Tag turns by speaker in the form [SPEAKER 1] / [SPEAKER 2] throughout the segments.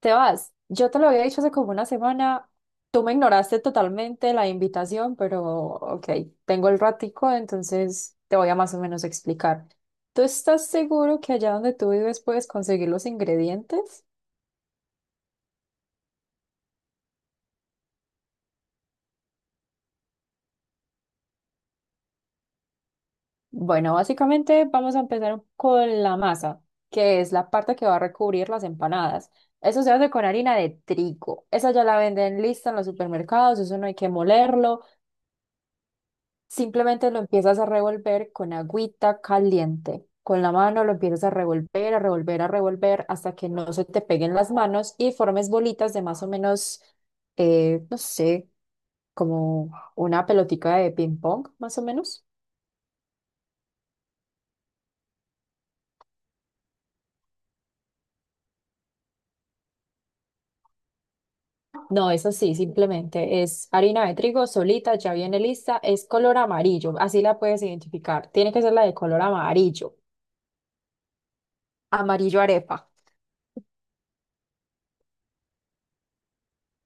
[SPEAKER 1] Te vas, yo te lo había dicho hace como una semana, tú me ignoraste totalmente la invitación, pero ok, tengo el ratico, entonces te voy a más o menos explicar. ¿Tú estás seguro que allá donde tú vives puedes conseguir los ingredientes? Bueno, básicamente vamos a empezar con la masa, que es la parte que va a recubrir las empanadas. Eso se hace con harina de trigo. Esa ya la venden lista en los supermercados, eso no hay que molerlo. Simplemente lo empiezas a revolver con agüita caliente. Con la mano lo empiezas a revolver, a revolver, a revolver hasta que no se te peguen las manos y formes bolitas de más o menos, no sé, como una pelotica de ping pong, más o menos. No, es así, simplemente es harina de trigo solita, ya viene lista, es color amarillo, así la puedes identificar. Tiene que ser la de color amarillo, amarillo arepa.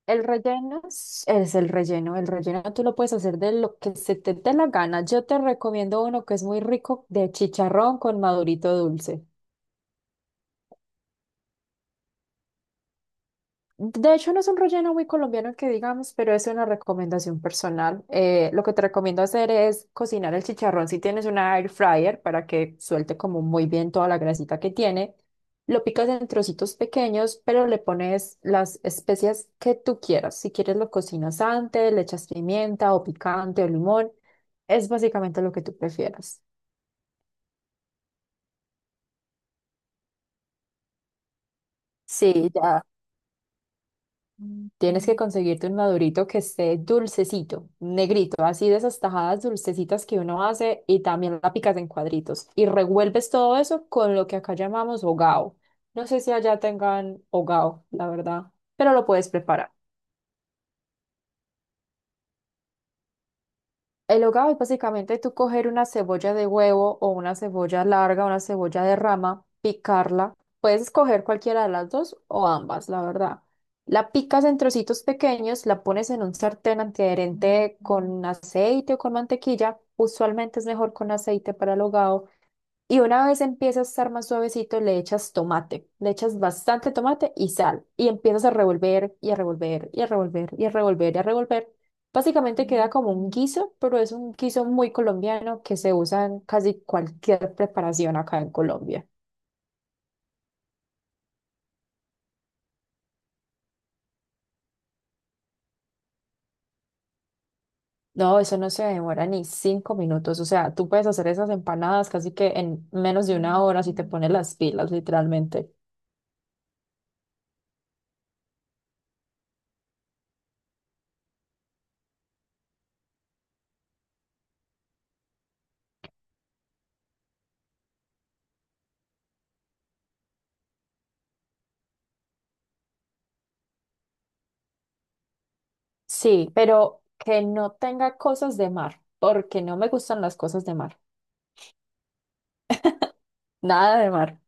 [SPEAKER 1] El relleno es el relleno. El relleno tú lo puedes hacer de lo que se te dé la gana. Yo te recomiendo uno que es muy rico de chicharrón con madurito dulce. De hecho, no es un relleno muy colombiano que digamos, pero es una recomendación personal. Lo que te recomiendo hacer es cocinar el chicharrón si tienes una air fryer para que suelte como muy bien toda la grasita que tiene. Lo picas en trocitos pequeños, pero le pones las especias que tú quieras. Si quieres lo cocinas antes, le echas pimienta o picante o limón. Es básicamente lo que tú prefieras. Sí, ya. Tienes que conseguirte un madurito que esté dulcecito, negrito, así de esas tajadas dulcecitas que uno hace y también la picas en cuadritos. Y revuelves todo eso con lo que acá llamamos hogao. No sé si allá tengan hogao, la verdad, pero lo puedes preparar. El hogao es básicamente tú coger una cebolla de huevo o una cebolla larga, una cebolla de rama, picarla. Puedes escoger cualquiera de las dos o ambas, la verdad. La picas en trocitos pequeños, la pones en un sartén antiadherente con aceite o con mantequilla. Usualmente es mejor con aceite para el hogao. Y una vez empieza a estar más suavecito, le echas tomate, le echas bastante tomate y sal. Y empiezas a revolver y a revolver y a revolver y a revolver y a revolver. Básicamente queda como un guiso, pero es un guiso muy colombiano que se usa en casi cualquier preparación acá en Colombia. No, eso no se demora ni 5 minutos. O sea, tú puedes hacer esas empanadas casi que en menos de una hora si te pones las pilas, literalmente. Sí, pero que no tenga cosas de mar, porque no me gustan las cosas de mar. Nada de mar.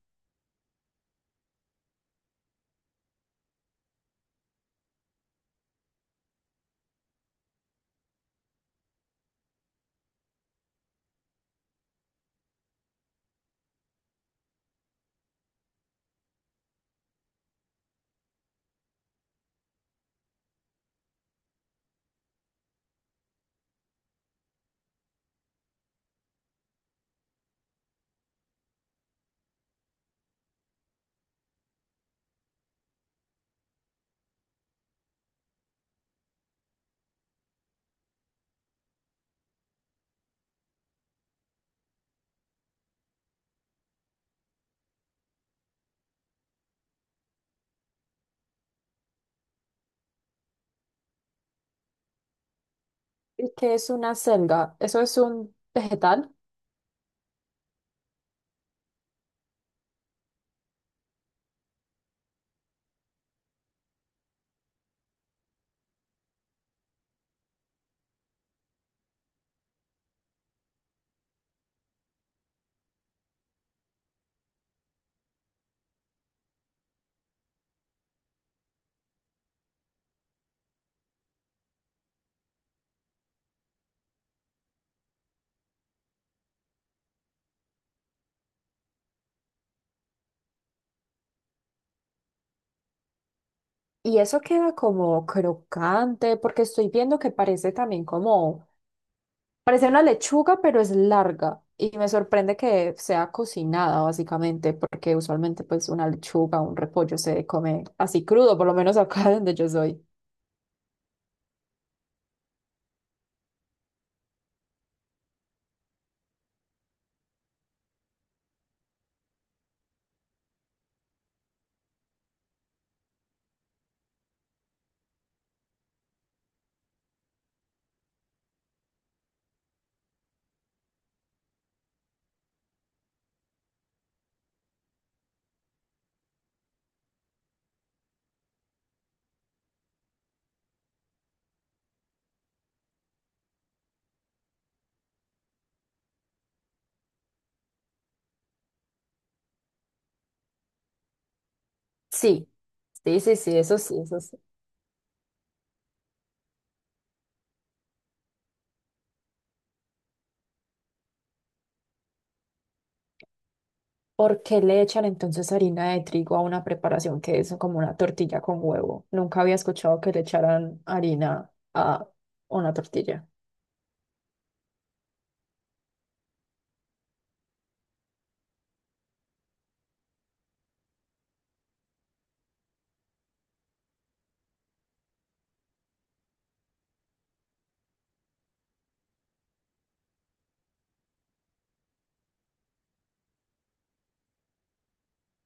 [SPEAKER 1] ¿Y qué es una selga? Eso es un vegetal. Y eso queda como crocante, porque estoy viendo que parece también como, parece una lechuga, pero es larga. Y me sorprende que sea cocinada, básicamente, porque usualmente pues una lechuga, un repollo se come así crudo, por lo menos acá donde yo soy. Sí, sí, sí, sí, eso sí, eso sí. ¿Por qué le echan entonces harina de trigo a una preparación que es como una tortilla con huevo? Nunca había escuchado que le echaran harina a una tortilla.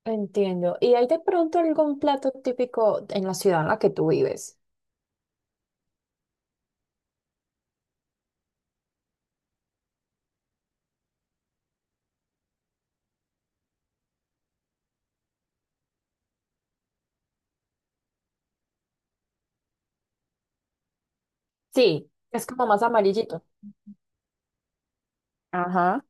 [SPEAKER 1] Entiendo. ¿Y hay de pronto algún plato típico en la ciudad en la que tú vives? Sí, es como más amarillito. Ajá,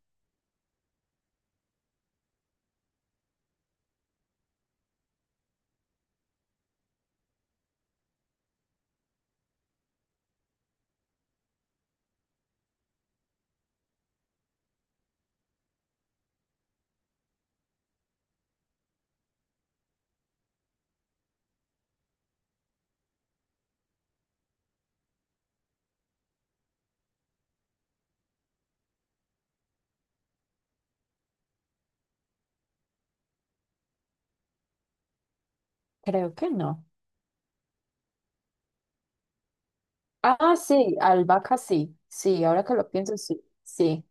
[SPEAKER 1] creo que no. Ah, sí, albahaca sí. Sí, ahora que lo pienso, sí. Sí.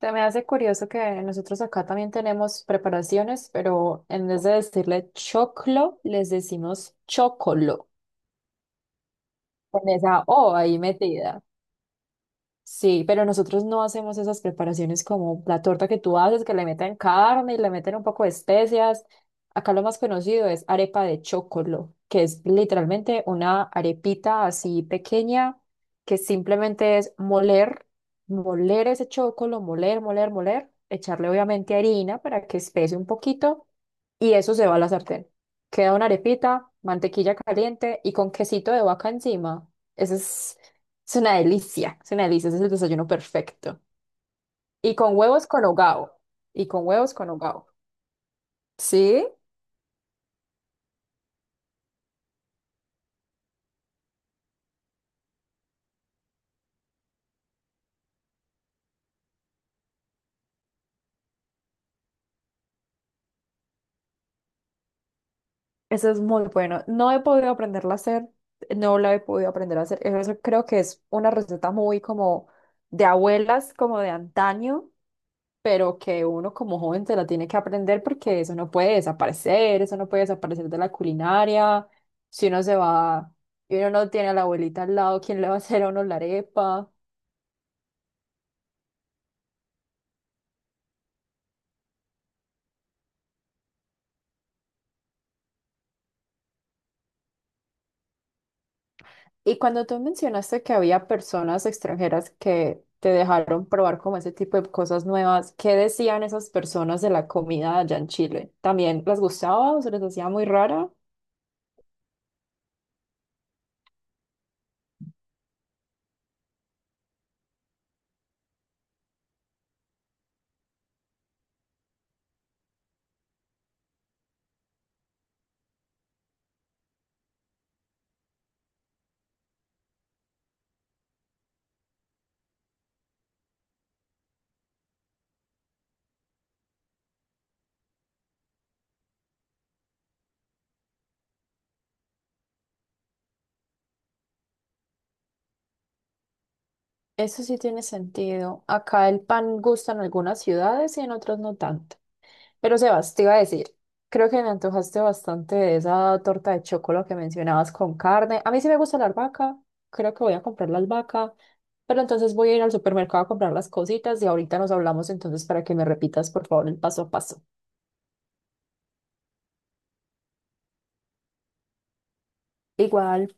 [SPEAKER 1] Se me hace curioso que nosotros acá también tenemos preparaciones, pero en vez de decirle choclo, les decimos chocolo. Con esa O ahí metida. Sí, pero nosotros no hacemos esas preparaciones como la torta que tú haces, que le meten carne y le meten un poco de especias. Acá lo más conocido es arepa de chocolo, que es literalmente una arepita así pequeña que simplemente es moler, moler ese chocolo, moler, moler, moler, echarle obviamente harina para que espese un poquito y eso se va a la sartén. Queda una arepita, mantequilla caliente y con quesito de vaca encima. Ese es una delicia, ese es el desayuno perfecto. Y con huevos con hogao. Y con huevos con hogao. Sí, eso es muy bueno. No he podido aprenderla a hacer, no la he podido aprender a hacer. Eso creo que es una receta muy como de abuelas, como de antaño, pero que uno como joven se la tiene que aprender porque eso no puede desaparecer, eso no puede desaparecer de la culinaria. Si uno se va y uno no tiene a la abuelita al lado, ¿quién le va a hacer a uno la arepa? Y cuando tú mencionaste que había personas extranjeras que te dejaron probar como ese tipo de cosas nuevas, ¿qué decían esas personas de la comida allá en Chile? ¿También les gustaba o se les hacía muy rara? Eso sí tiene sentido. Acá el pan gusta en algunas ciudades y en otras no tanto. Pero Sebas, te iba a decir, creo que me antojaste bastante de esa torta de chocolate que mencionabas con carne. A mí sí me gusta la albahaca, creo que voy a comprar la albahaca, pero entonces voy a ir al supermercado a comprar las cositas y ahorita nos hablamos entonces para que me repitas por favor el paso a paso. Igual.